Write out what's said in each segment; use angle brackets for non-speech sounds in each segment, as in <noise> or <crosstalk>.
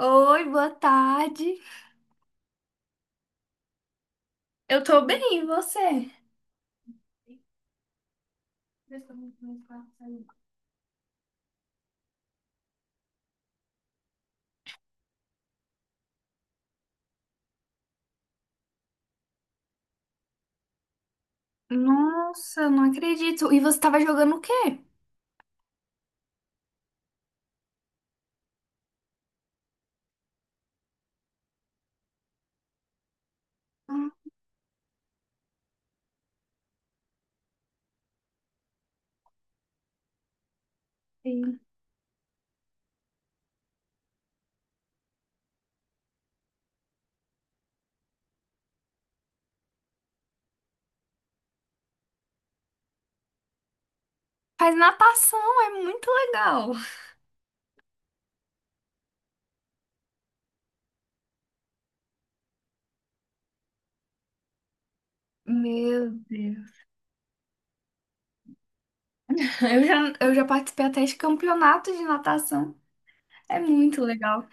Oi, boa tarde. Eu tô bem, e você? Nossa, eu não acredito. E você tava jogando o quê? Ah, sim. Faz natação, é muito legal. Meu Deus. <laughs> Eu já participei até de campeonato de natação. É muito legal.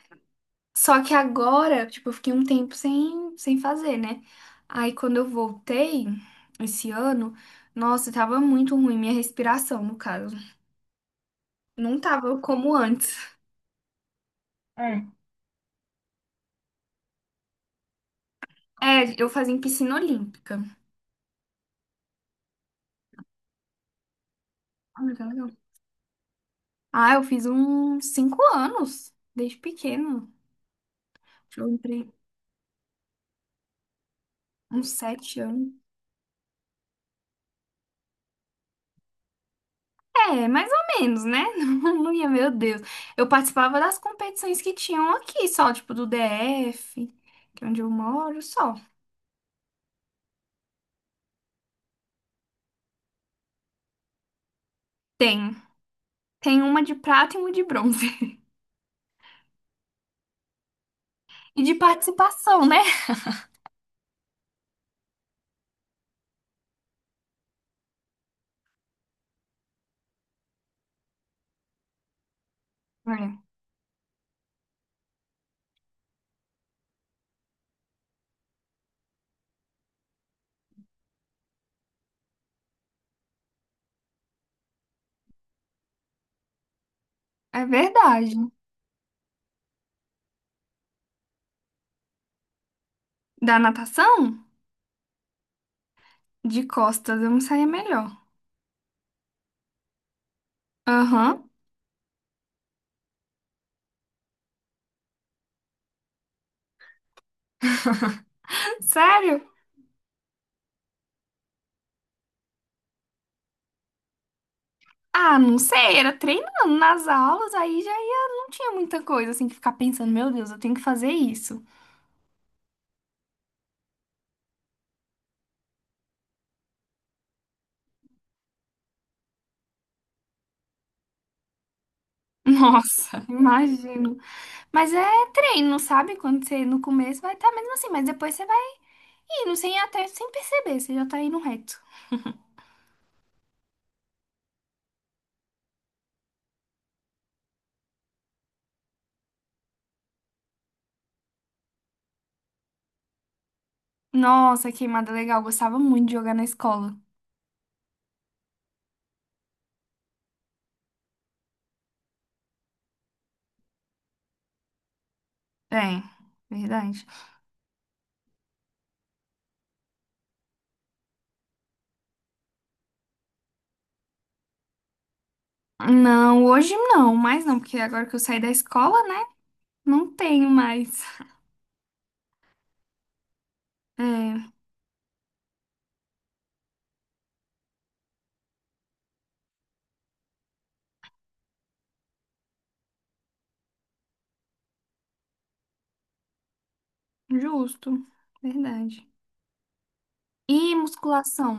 Só que agora, tipo, eu fiquei um tempo sem fazer, né? Aí quando eu voltei esse ano, nossa, tava muito ruim minha respiração, no caso. Não tava como antes. É, eu fazia em piscina olímpica. Ah, que legal. Ah, eu fiz uns 5 anos, desde pequeno. Eu entrei uns 7 anos. É, mais ou menos, né? <laughs> Não ia, meu Deus. Eu participava das competições que tinham aqui, só, tipo, do DF, que é onde eu moro, só. Tem. Tem uma de prata e uma de bronze. <laughs> E de participação, né? É, é verdade. Da natação, de costas, eu me saía melhor. Aham. <laughs> Sério? Ah, não sei, era treinando nas aulas, aí já ia, não tinha muita coisa assim que ficar pensando, meu Deus, eu tenho que fazer isso. Nossa, <laughs> imagino. Mas é treino, sabe? Quando você no começo vai estar mesmo assim, mas depois você vai indo sem até sem perceber, você já tá indo reto. Nossa, queimada legal, gostava muito de jogar na escola. É, verdade. Não, hoje não, mas não, porque agora que eu saí da escola, né? Não tenho mais. É, justo, verdade. E musculação?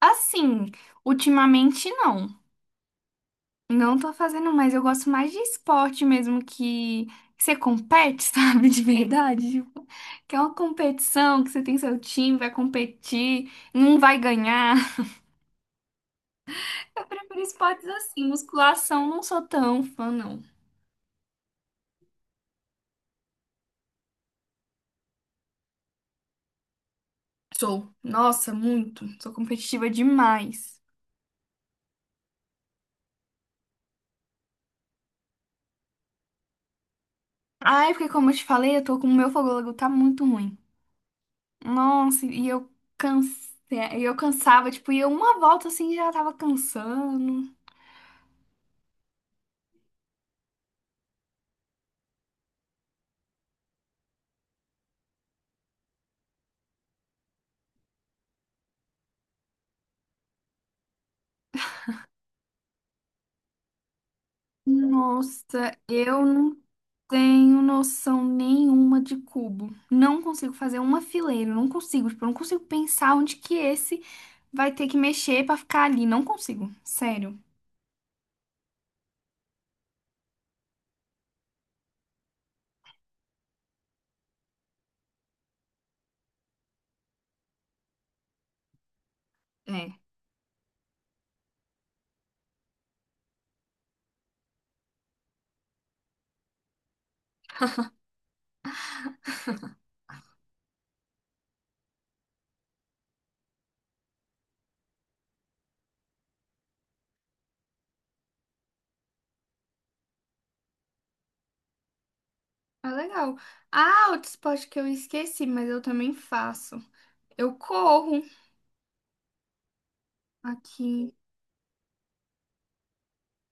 Assim, ultimamente não. Não tô fazendo mais. Eu gosto mais de esporte mesmo que você compete, <laughs> sabe? De verdade. Tipo, que é uma competição, que você tem seu time, vai competir, não vai ganhar. <laughs> Eu prefiro esportes assim. Musculação, não sou tão fã, não. Sou. Nossa, muito. Sou competitiva demais. Ai, porque como eu te falei, eu tô com o meu fôlego tá muito ruim. Nossa, e eu e eu cansava, tipo, ia uma volta assim e já tava cansando. Nossa, eu não tenho noção nenhuma de cubo. Não consigo fazer uma fileira, não consigo, tipo, eu não consigo pensar onde que esse vai ter que mexer pra ficar ali, não consigo, sério. Ah, legal. Ah, outro esporte que eu esqueci, mas eu também faço. Eu corro aqui.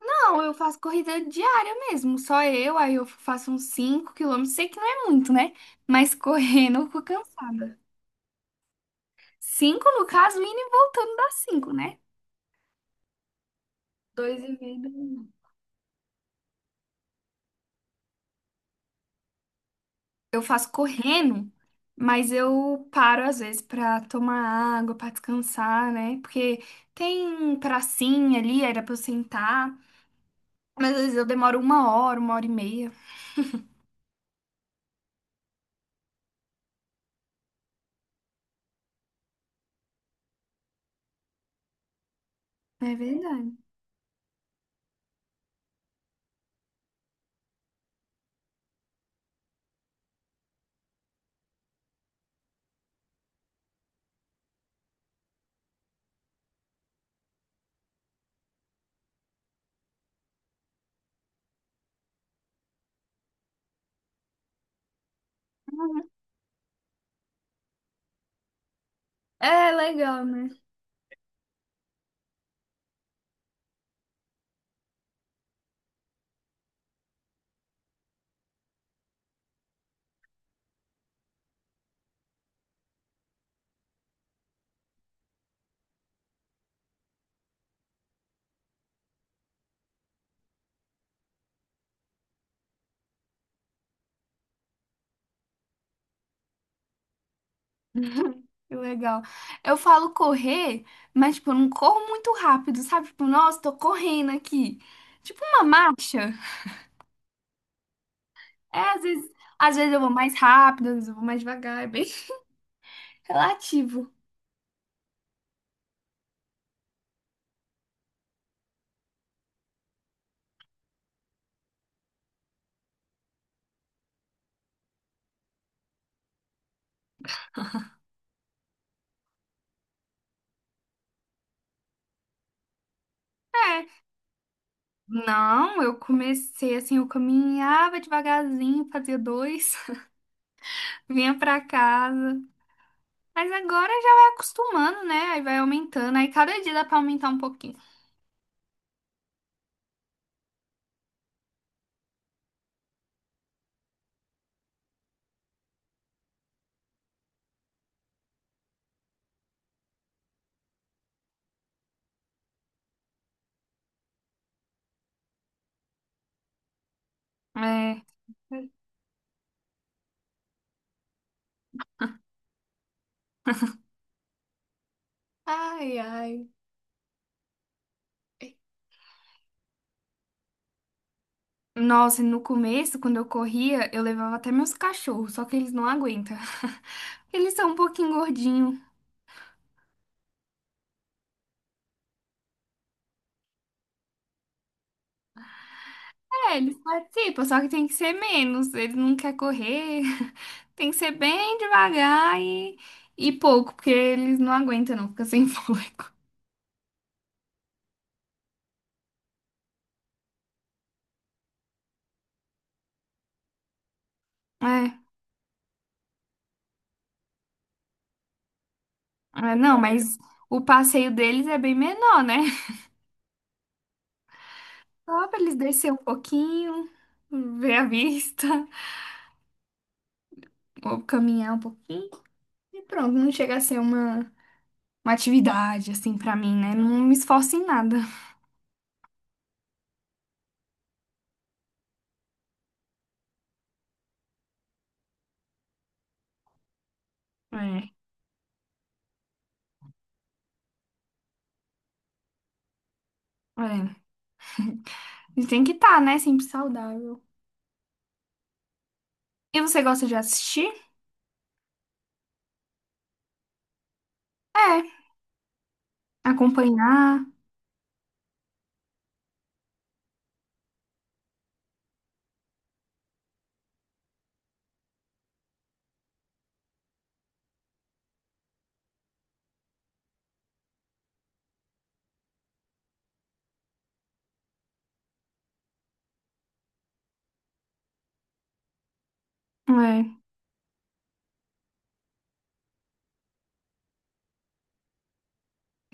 Não, eu faço corrida diária mesmo, só eu, aí eu faço uns 5 quilômetros, sei que não é muito, né? Mas correndo eu fico cansada. 5 no caso, indo e voltando dá 5, né? 2 e meio. Dá um. Eu faço correndo, mas eu paro às vezes pra tomar água, pra descansar, né? Porque tem pracinha ali, era pra eu sentar, mas às vezes eu demoro uma hora e meia. É verdade. Uhum. É legal. <laughs> Que legal. Eu falo correr, mas, tipo, eu não corro muito rápido, sabe? Tipo, nossa, tô correndo aqui. Tipo uma marcha. É, às vezes eu vou mais rápido, às vezes eu vou mais devagar, é bem <laughs> relativo. É. Não, eu comecei assim, eu caminhava devagarzinho, fazia dois, <laughs> vinha pra casa. Mas agora já vai acostumando, né? Aí vai aumentando, aí cada dia dá pra aumentar um pouquinho. É. Ai, ai. Nossa, no começo, quando eu corria, eu levava até meus cachorros, só que eles não aguentam. <laughs> Eles são um pouquinho gordinhos. É, eles participam, só que tem que ser menos. Eles não querem correr. <laughs> Tem que ser bem devagar e pouco, porque eles não aguentam, não, fica sem <laughs> fôlego. É, não, mas o passeio deles é bem menor, né? Só pra eles descer um pouquinho, ver a vista, <laughs> ou caminhar um pouquinho. E pronto, não chega a ser uma. Uma atividade, assim, pra mim, né? Não me esforço em nada. É, é. A tem que estar, né? Sempre saudável. E você gosta de assistir? É. Acompanhar? É.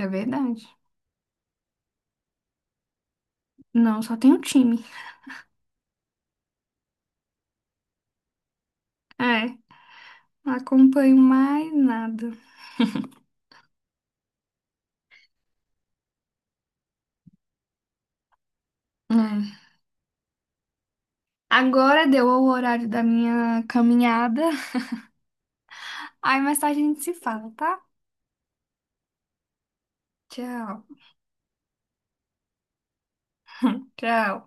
É verdade. Não, só tem um time. É. Não acompanho mais nada. É. Agora deu o horário da minha caminhada. Aí mais tarde a gente se fala, tá? Tchau. Tchau.